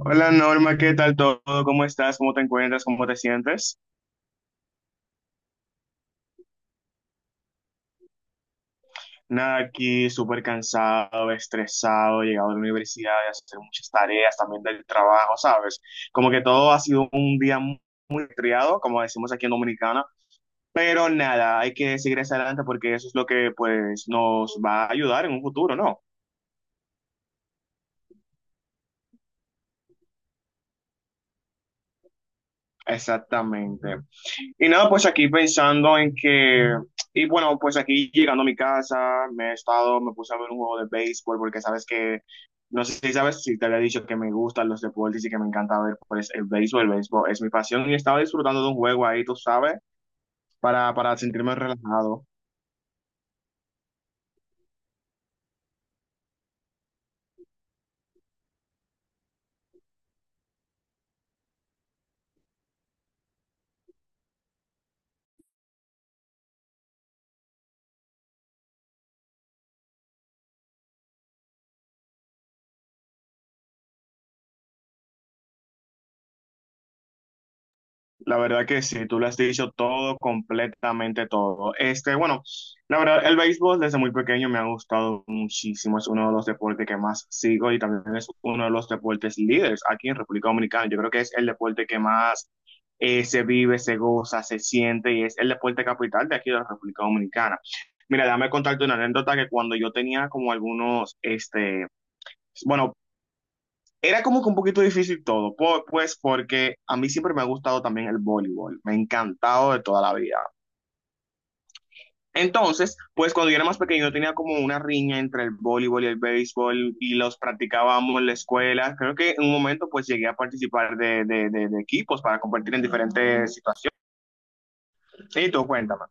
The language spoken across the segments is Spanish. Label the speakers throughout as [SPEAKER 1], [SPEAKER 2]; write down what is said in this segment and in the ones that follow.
[SPEAKER 1] Hola Norma, ¿qué tal todo? ¿Cómo estás? ¿Cómo te encuentras? ¿Cómo te sientes? Nada, aquí súper cansado, estresado, llegado de la universidad, de hacer muchas tareas, también del trabajo, ¿sabes? Como que todo ha sido un día muy triado, como decimos aquí en Dominicana, pero nada, hay que seguir hacia adelante porque eso es lo que pues nos va a ayudar en un futuro, ¿no? Exactamente. Y nada, pues aquí pensando en que, y bueno, pues aquí llegando a mi casa, me he estado, me puse a ver un juego de béisbol porque sabes que, no sé si sabes, si te había dicho que me gustan los deportes y que me encanta ver pues el béisbol es mi pasión y estaba disfrutando de un juego ahí, tú sabes, para sentirme relajado. La verdad que sí, tú lo has dicho todo, completamente todo. Este, bueno, la verdad, el béisbol desde muy pequeño me ha gustado muchísimo. Es uno de los deportes que más sigo y también es uno de los deportes líderes aquí en República Dominicana. Yo creo que es el deporte que más se vive, se goza, se siente y es el deporte capital de aquí de la República Dominicana. Mira, déjame contarte una anécdota que cuando yo tenía como algunos, este, bueno, era como que un poquito difícil todo, pues porque a mí siempre me ha gustado también el voleibol, me ha encantado de toda la vida. Entonces, pues cuando yo era más pequeño tenía como una riña entre el voleibol y el béisbol y los practicábamos en la escuela. Creo que en un momento pues llegué a participar de equipos para competir en Ah. diferentes situaciones. Sí, tú cuéntame.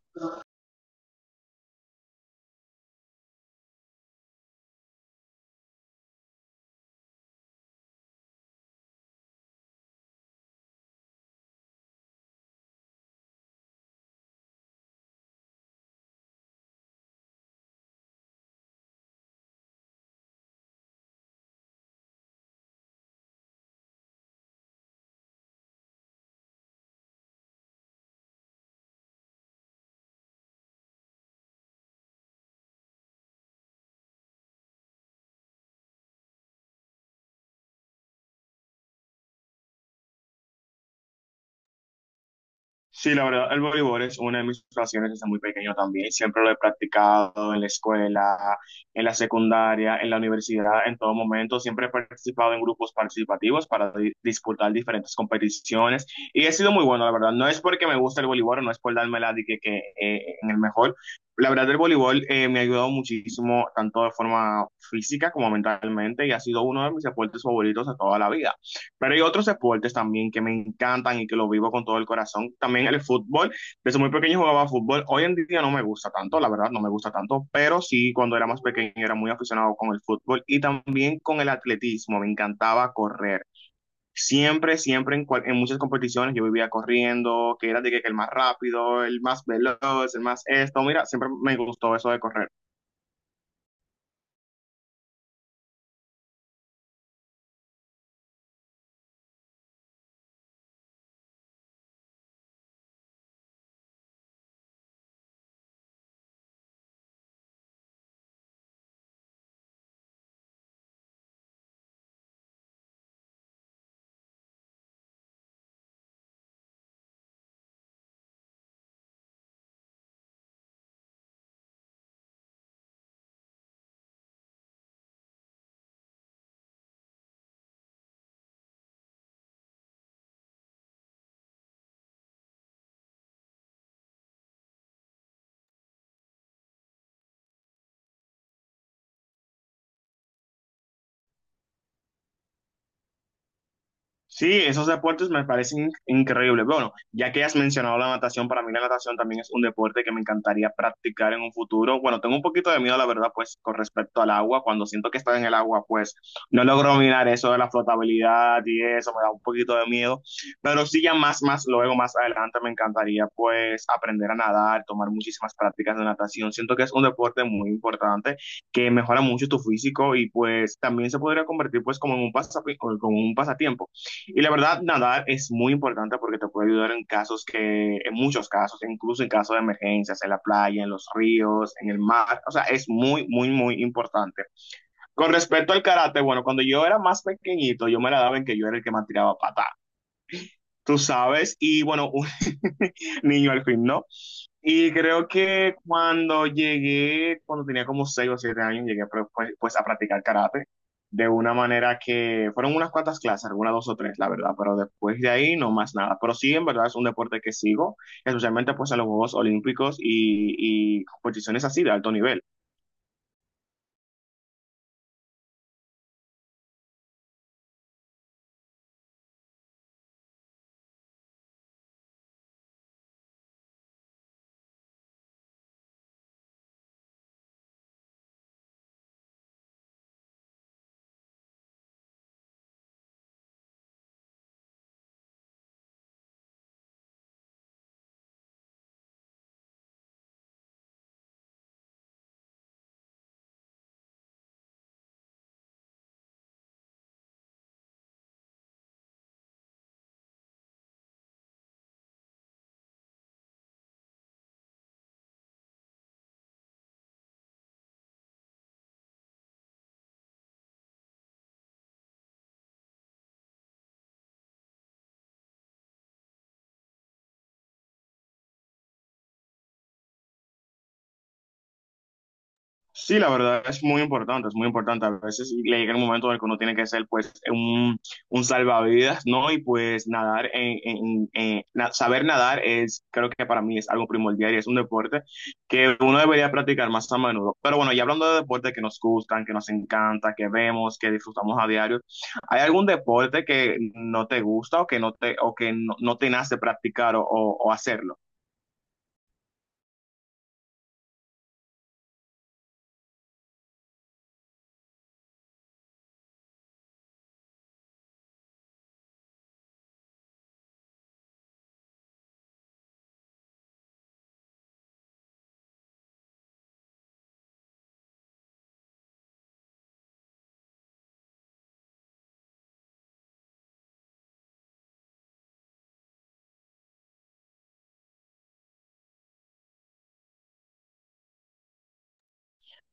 [SPEAKER 1] Sí, la verdad, el voleibol es una de mis pasiones desde muy pequeño también. Siempre lo he practicado en la escuela, en la secundaria, en la universidad, en todo momento. Siempre he participado en grupos participativos para disputar diferentes competiciones y he sido muy bueno, la verdad. No es porque me gusta el voleibol, no es por darme la de que, en el mejor. La verdad, el voleibol me ha ayudado muchísimo, tanto de forma física como mentalmente, y ha sido uno de mis deportes favoritos de toda la vida. Pero hay otros deportes también que me encantan y que lo vivo con todo el corazón. También el fútbol. Desde muy pequeño jugaba fútbol. Hoy en día no me gusta tanto, la verdad, no me gusta tanto. Pero sí, cuando era más pequeño era muy aficionado con el fútbol y también con el atletismo. Me encantaba correr. Siempre, siempre en, en muchas competiciones yo vivía corriendo, que era de que el más rápido, el más veloz, el más esto. Mira, siempre me gustó eso de correr. Sí, esos deportes me parecen increíbles. Bueno, ya que has mencionado la natación, para mí la natación también es un deporte que me encantaría practicar en un futuro. Bueno, tengo un poquito de miedo, la verdad, pues con respecto al agua. Cuando siento que estoy en el agua, pues no logro mirar eso de la flotabilidad y eso, me da un poquito de miedo. Pero sí, ya más, más luego, más adelante, me encantaría pues aprender a nadar, tomar muchísimas prácticas de natación. Siento que es un deporte muy importante que mejora mucho tu físico y pues también se podría convertir pues como en un como un pasatiempo. Y la verdad, nadar es muy importante porque te puede ayudar en casos que, en muchos casos, incluso en casos de emergencias, en la playa, en los ríos, en el mar. O sea, es muy, muy, muy importante. Con respecto al karate, bueno, cuando yo era más pequeñito, yo me la daba en que yo era el que más tiraba patada. Tú sabes, y bueno, un niño al fin, ¿no? Y creo que cuando llegué, cuando tenía como 6 o 7 años, llegué pues, pues a practicar karate de una manera que fueron unas cuantas clases, algunas dos o tres, la verdad, pero después de ahí no más nada. Pero sí, en verdad es un deporte que sigo, especialmente pues en los Juegos Olímpicos y competiciones así de alto nivel. Sí, la verdad es muy importante, es muy importante. A veces le llega el momento en el que uno tiene que ser pues un salvavidas, ¿no? Y pues nadar, en, saber nadar es, creo que para mí es algo primordial y es un deporte que uno debería practicar más a menudo. Pero bueno, ya hablando de deportes que nos gustan, que nos encanta, que vemos, que disfrutamos a diario, ¿hay algún deporte que no te gusta o que no te, o que no, no te nace practicar o, o hacerlo?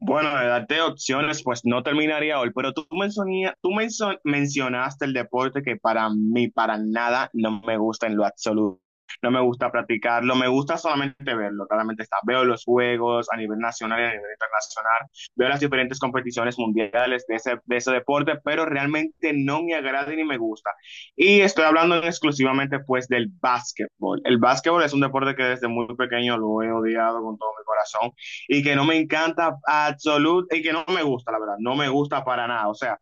[SPEAKER 1] Bueno, de darte opciones, pues no terminaría hoy, pero tú, tú mencionaste el deporte que para mí, para nada, no me gusta en lo absoluto. No me gusta practicarlo, me gusta solamente verlo. Claramente está. Veo los juegos a nivel nacional y a nivel internacional, veo las diferentes competiciones mundiales de ese deporte, pero realmente no me agrada ni me gusta. Y estoy hablando exclusivamente pues del básquetbol. El básquetbol es un deporte que desde muy pequeño lo he odiado con todo mi corazón y que no me encanta absolutamente, y que no me gusta, la verdad, no me gusta para nada. O sea,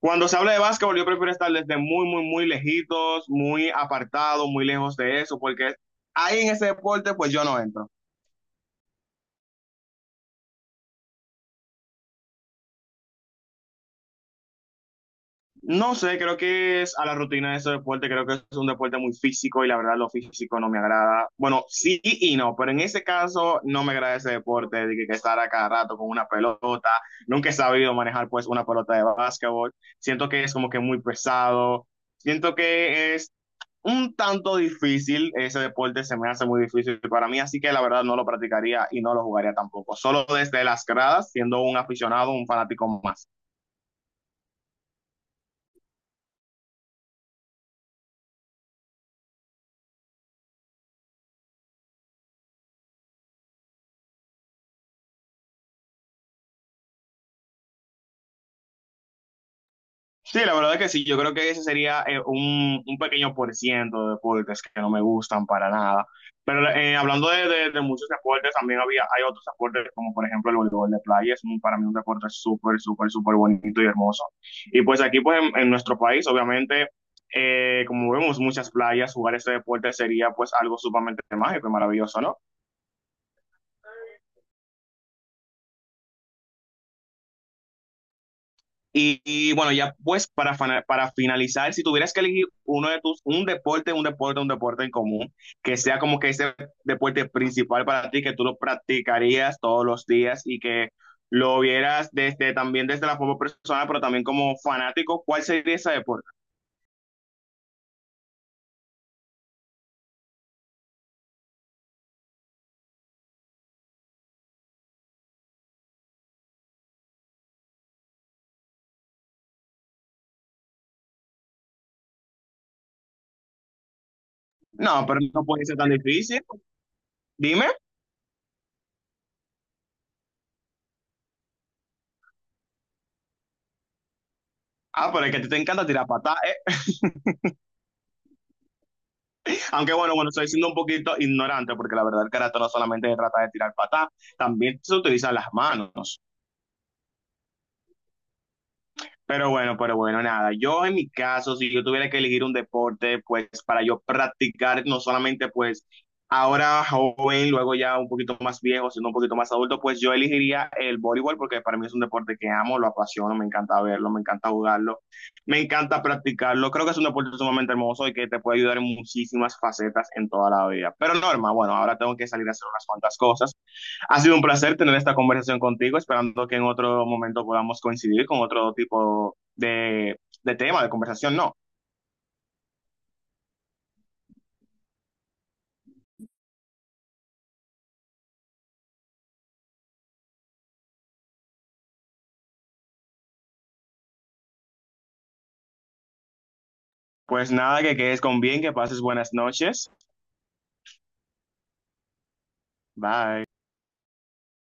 [SPEAKER 1] cuando se habla de básquetbol, yo prefiero estar desde muy, muy, muy lejitos, muy apartado, muy lejos de eso, porque ahí en ese deporte, pues yo no entro. No sé, creo que es a la rutina de ese deporte, creo que es un deporte muy físico y la verdad lo físico no me agrada. Bueno, sí y no, pero en ese caso no me agrada ese deporte de que estar a cada rato con una pelota. Nunca he sabido manejar pues una pelota de básquetbol. Siento que es como que muy pesado. Siento que es un tanto difícil, ese deporte se me hace muy difícil para mí, así que la verdad no lo practicaría y no lo jugaría tampoco. Solo desde las gradas, siendo un aficionado, un fanático más. Sí, la verdad que sí, yo creo que ese sería un pequeño por ciento de deportes que no me gustan para nada. Pero hablando de, de muchos deportes, también había, hay otros deportes como por ejemplo el voleibol de playa, es para mí un deporte súper, súper, súper bonito y hermoso. Y pues aquí pues en nuestro país, obviamente, como vemos muchas playas, jugar este deporte sería pues algo sumamente mágico y maravilloso, ¿no? Y bueno, ya pues para, para finalizar, si tuvieras que elegir uno de tus, un deporte, un deporte, un deporte en común, que sea como que ese deporte principal para ti, que tú lo practicarías todos los días y que lo vieras desde también desde la forma personal, pero también como fanático, ¿cuál sería ese deporte? No, pero no puede ser tan difícil. Dime. Ah, pero es que a ti te encanta tirar patada. Aunque bueno, bueno, estoy siendo un poquito ignorante porque la verdad el karate no solamente se trata de tirar patada, también se utilizan las manos. Pero bueno, nada. Yo en mi caso, si yo tuviera que elegir un deporte, pues para yo practicar, no solamente pues ahora joven, luego ya un poquito más viejo, siendo un poquito más adulto, pues yo elegiría el voleibol porque para mí es un deporte que amo, lo apasiono, me encanta verlo, me encanta jugarlo, me encanta practicarlo. Creo que es un deporte sumamente hermoso y que te puede ayudar en muchísimas facetas en toda la vida. Pero Norma, bueno, ahora tengo que salir a hacer unas cuantas cosas, ha sido un placer tener esta conversación contigo, esperando que en otro momento podamos coincidir con otro tipo de tema, de conversación, no. Pues nada, que quedes con bien, que pases buenas noches. Bye.